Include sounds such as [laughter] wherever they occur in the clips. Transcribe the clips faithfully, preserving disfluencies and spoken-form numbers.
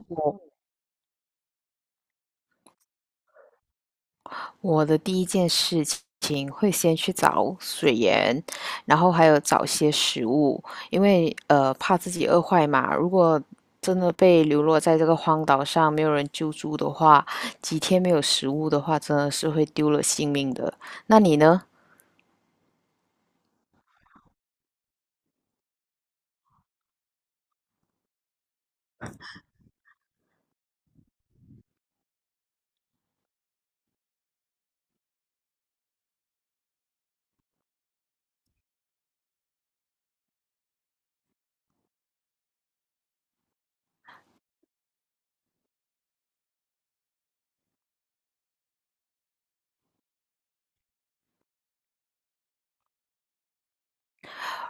我我的第一件事情会先去找水源，然后还有找些食物，因为呃怕自己饿坏嘛。如果真的被流落在这个荒岛上，没有人救助的话，几天没有食物的话，真的是会丢了性命的。那你呢？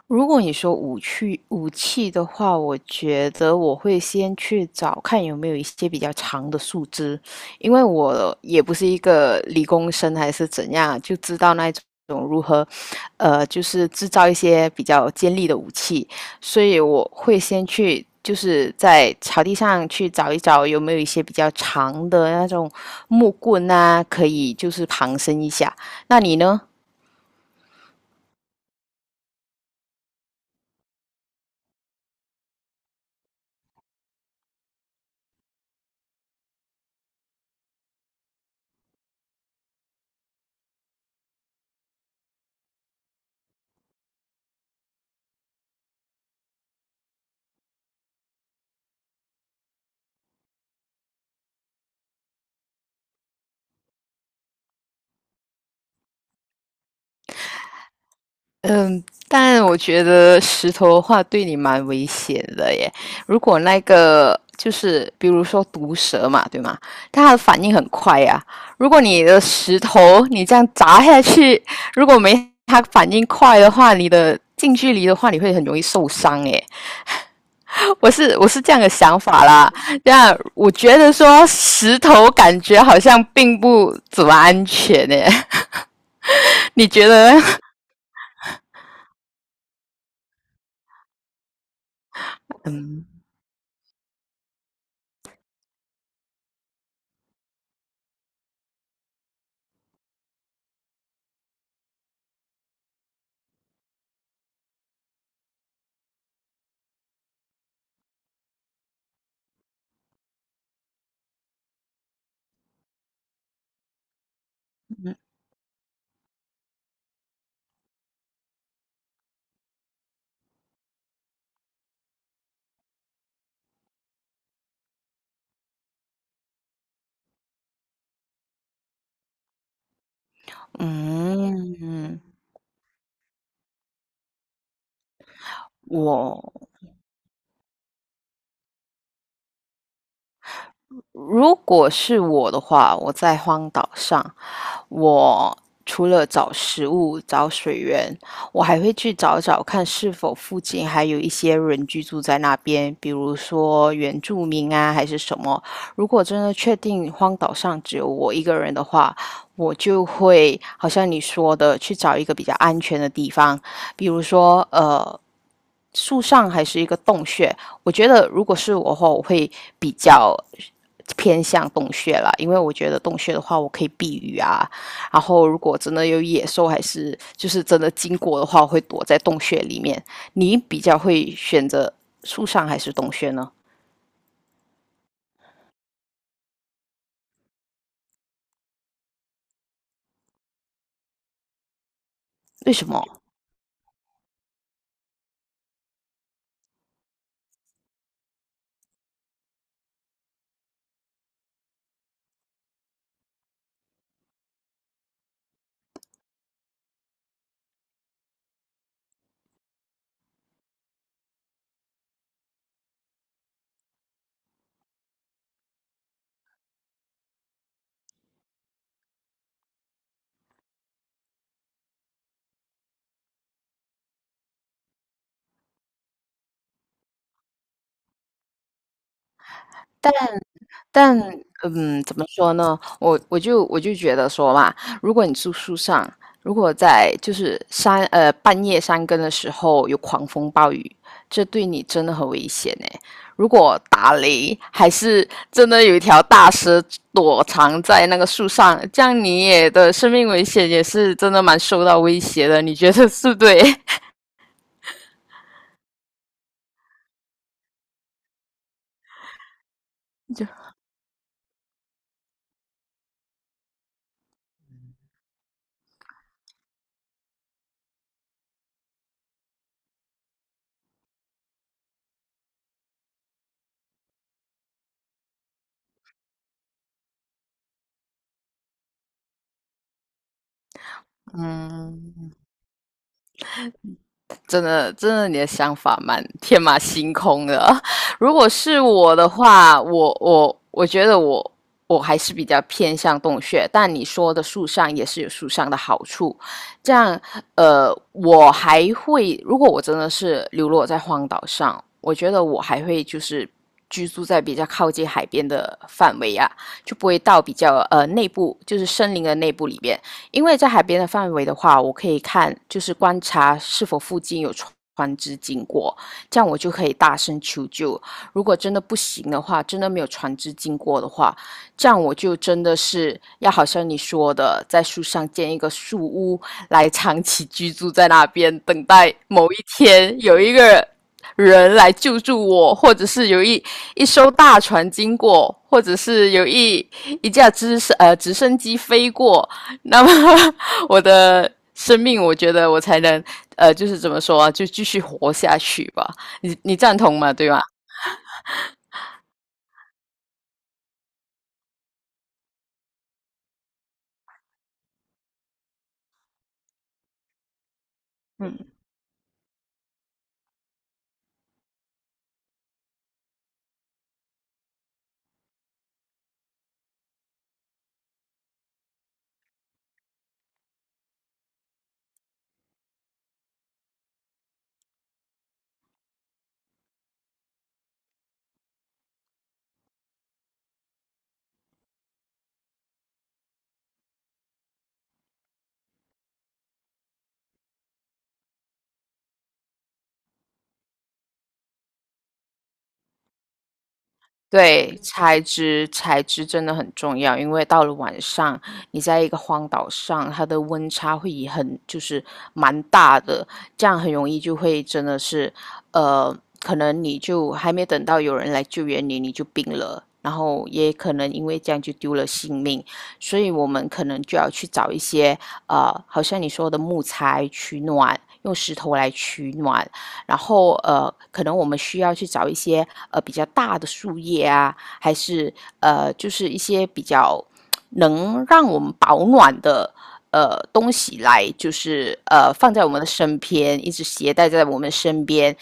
如果你说武器武器的话，我觉得我会先去找看有没有一些比较长的树枝，因为我也不是一个理工生还是怎样，就知道那种如何，呃，就是制造一些比较尖利的武器，所以我会先去。就是在草地上去找一找有没有一些比较长的那种木棍啊，可以就是旁身一下。那你呢？嗯，但我觉得石头的话对你蛮危险的耶。如果那个就是比如说毒蛇嘛，对吗？它的反应很快呀、如果你的石头你这样砸下去，如果没它反应快的话，你的近距离的话你会很容易受伤耶。我是我是这样的想法啦。这样我觉得说石头感觉好像并不怎么安全耶。[laughs] 你觉得呢？嗯嗯。我如果是我的话，我在荒岛上，我除了找食物、找水源，我还会去找找看是否附近还有一些人居住在那边，比如说原住民啊，还是什么。如果真的确定荒岛上只有我一个人的话，我就会好像你说的去找一个比较安全的地方，比如说呃。树上还是一个洞穴。我觉得如果是我的话，我会比较偏向洞穴啦，因为我觉得洞穴的话，我可以避雨啊。然后如果真的有野兽，还是就是真的经过的话，我会躲在洞穴里面。你比较会选择树上还是洞穴呢？为什么？但嗯，怎么说呢？我我就我就觉得说嘛，如果你住树上，如果在就是山呃半夜山更的时候有狂风暴雨，这对你真的很危险呢。如果打雷，还是真的有一条大蛇躲藏在那个树上，这样你也的生命危险也是真的蛮受到威胁的。你觉得是不对 [laughs] 就嗯。真的，真的，你的想法蛮天马行空的。[laughs] 如果是我的话，我我我觉得我我还是比较偏向洞穴，但你说的树上也是有树上的好处。这样，呃，我还会，如果我真的是流落在荒岛上，我觉得我还会就是居住在比较靠近海边的范围啊，就不会到比较呃内部，就是森林的内部里边。因为在海边的范围的话，我可以看，就是观察是否附近有船船只经过，这样我就可以大声求救。如果真的不行的话，真的没有船只经过的话，这样我就真的是要好像你说的，在树上建一个树屋来长期居住在那边，等待某一天有一个人来救助我，或者是有一一艘大船经过，或者是有一一架直升呃直升机飞过，[laughs] 那么我的生命，我觉得我才能呃，就是怎么说啊，就继续活下去吧。你你赞同吗？对吧？嗯，对，材质材质真的很重要，因为到了晚上，你在一个荒岛上，它的温差会以很就是蛮大的，这样很容易就会真的是，呃，可能你就还没等到有人来救援你，你就病了，然后也可能因为这样就丢了性命，所以我们可能就要去找一些呃，好像你说的木材取暖，用石头来取暖，然后呃，可能我们需要去找一些呃比较大的树叶啊，还是呃就是一些比较能让我们保暖的呃东西来，就是呃放在我们的身边，一直携带在我们身边，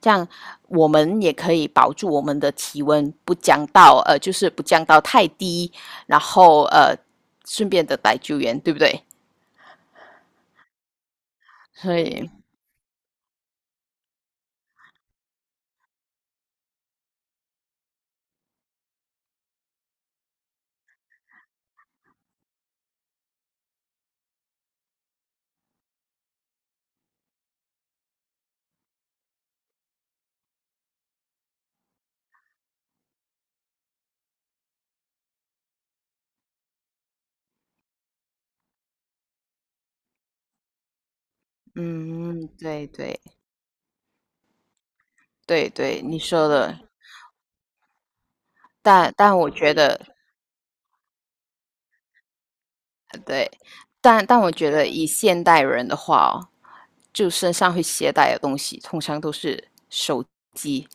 这样我们也可以保住我们的体温不降到呃就是不降到太低，然后呃顺便的来救援，对不对？所以嗯，对对对对，你说的。但但我觉得对，但但我觉得以现代人的话哦，就身上会携带的东西，通常都是手机。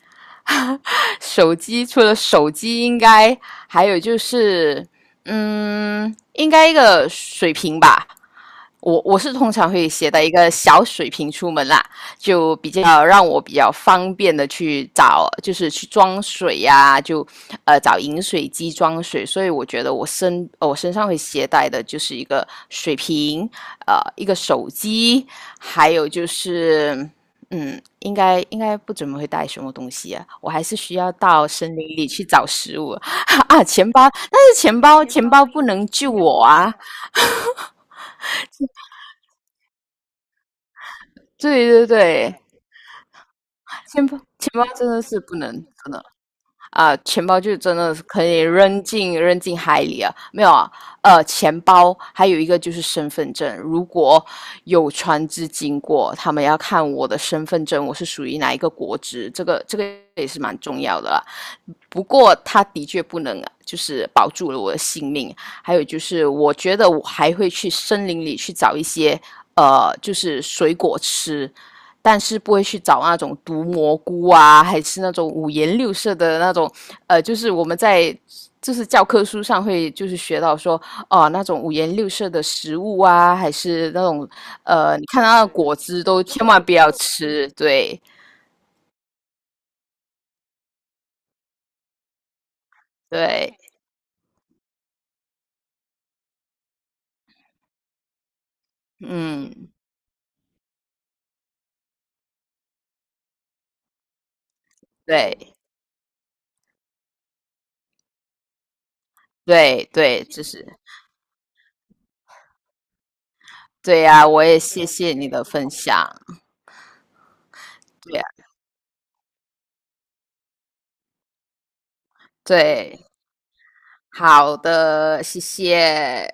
[laughs] 手机除了手机，应该还有就是，嗯，应该一个水瓶吧。我我是通常会携带一个小水瓶出门啦，就比较让我比较方便的去找，就是去装水呀、就呃找饮水机装水。所以我觉得我身呃我身上会携带的就是一个水瓶，呃一个手机，还有就是嗯应该应该不怎么会带什么东西啊，我还是需要到森林里去找食物 [laughs] 啊，钱包，但是钱包钱包不能救我啊，对对对。钱包钱包真的是不能，真的啊、钱包就真的是可以扔进扔进海里啊，没有啊，呃，钱包还有一个就是身份证，如果有船只经过，他们要看我的身份证，我是属于哪一个国籍，这个这个也是蛮重要的啦。不过他的确不能，啊，就是保住了我的性命，还有就是我觉得我还会去森林里去找一些呃，就是水果吃，但是不会去找那种毒蘑菇啊，还是那种五颜六色的那种，呃，就是我们在就是教科书上会就是学到说，哦、那种五颜六色的食物啊，还是那种呃，你看到的果汁都千万不要吃，对对，嗯，对对对，就是对呀、我也谢谢你的分享，对呀、对，好的，谢谢。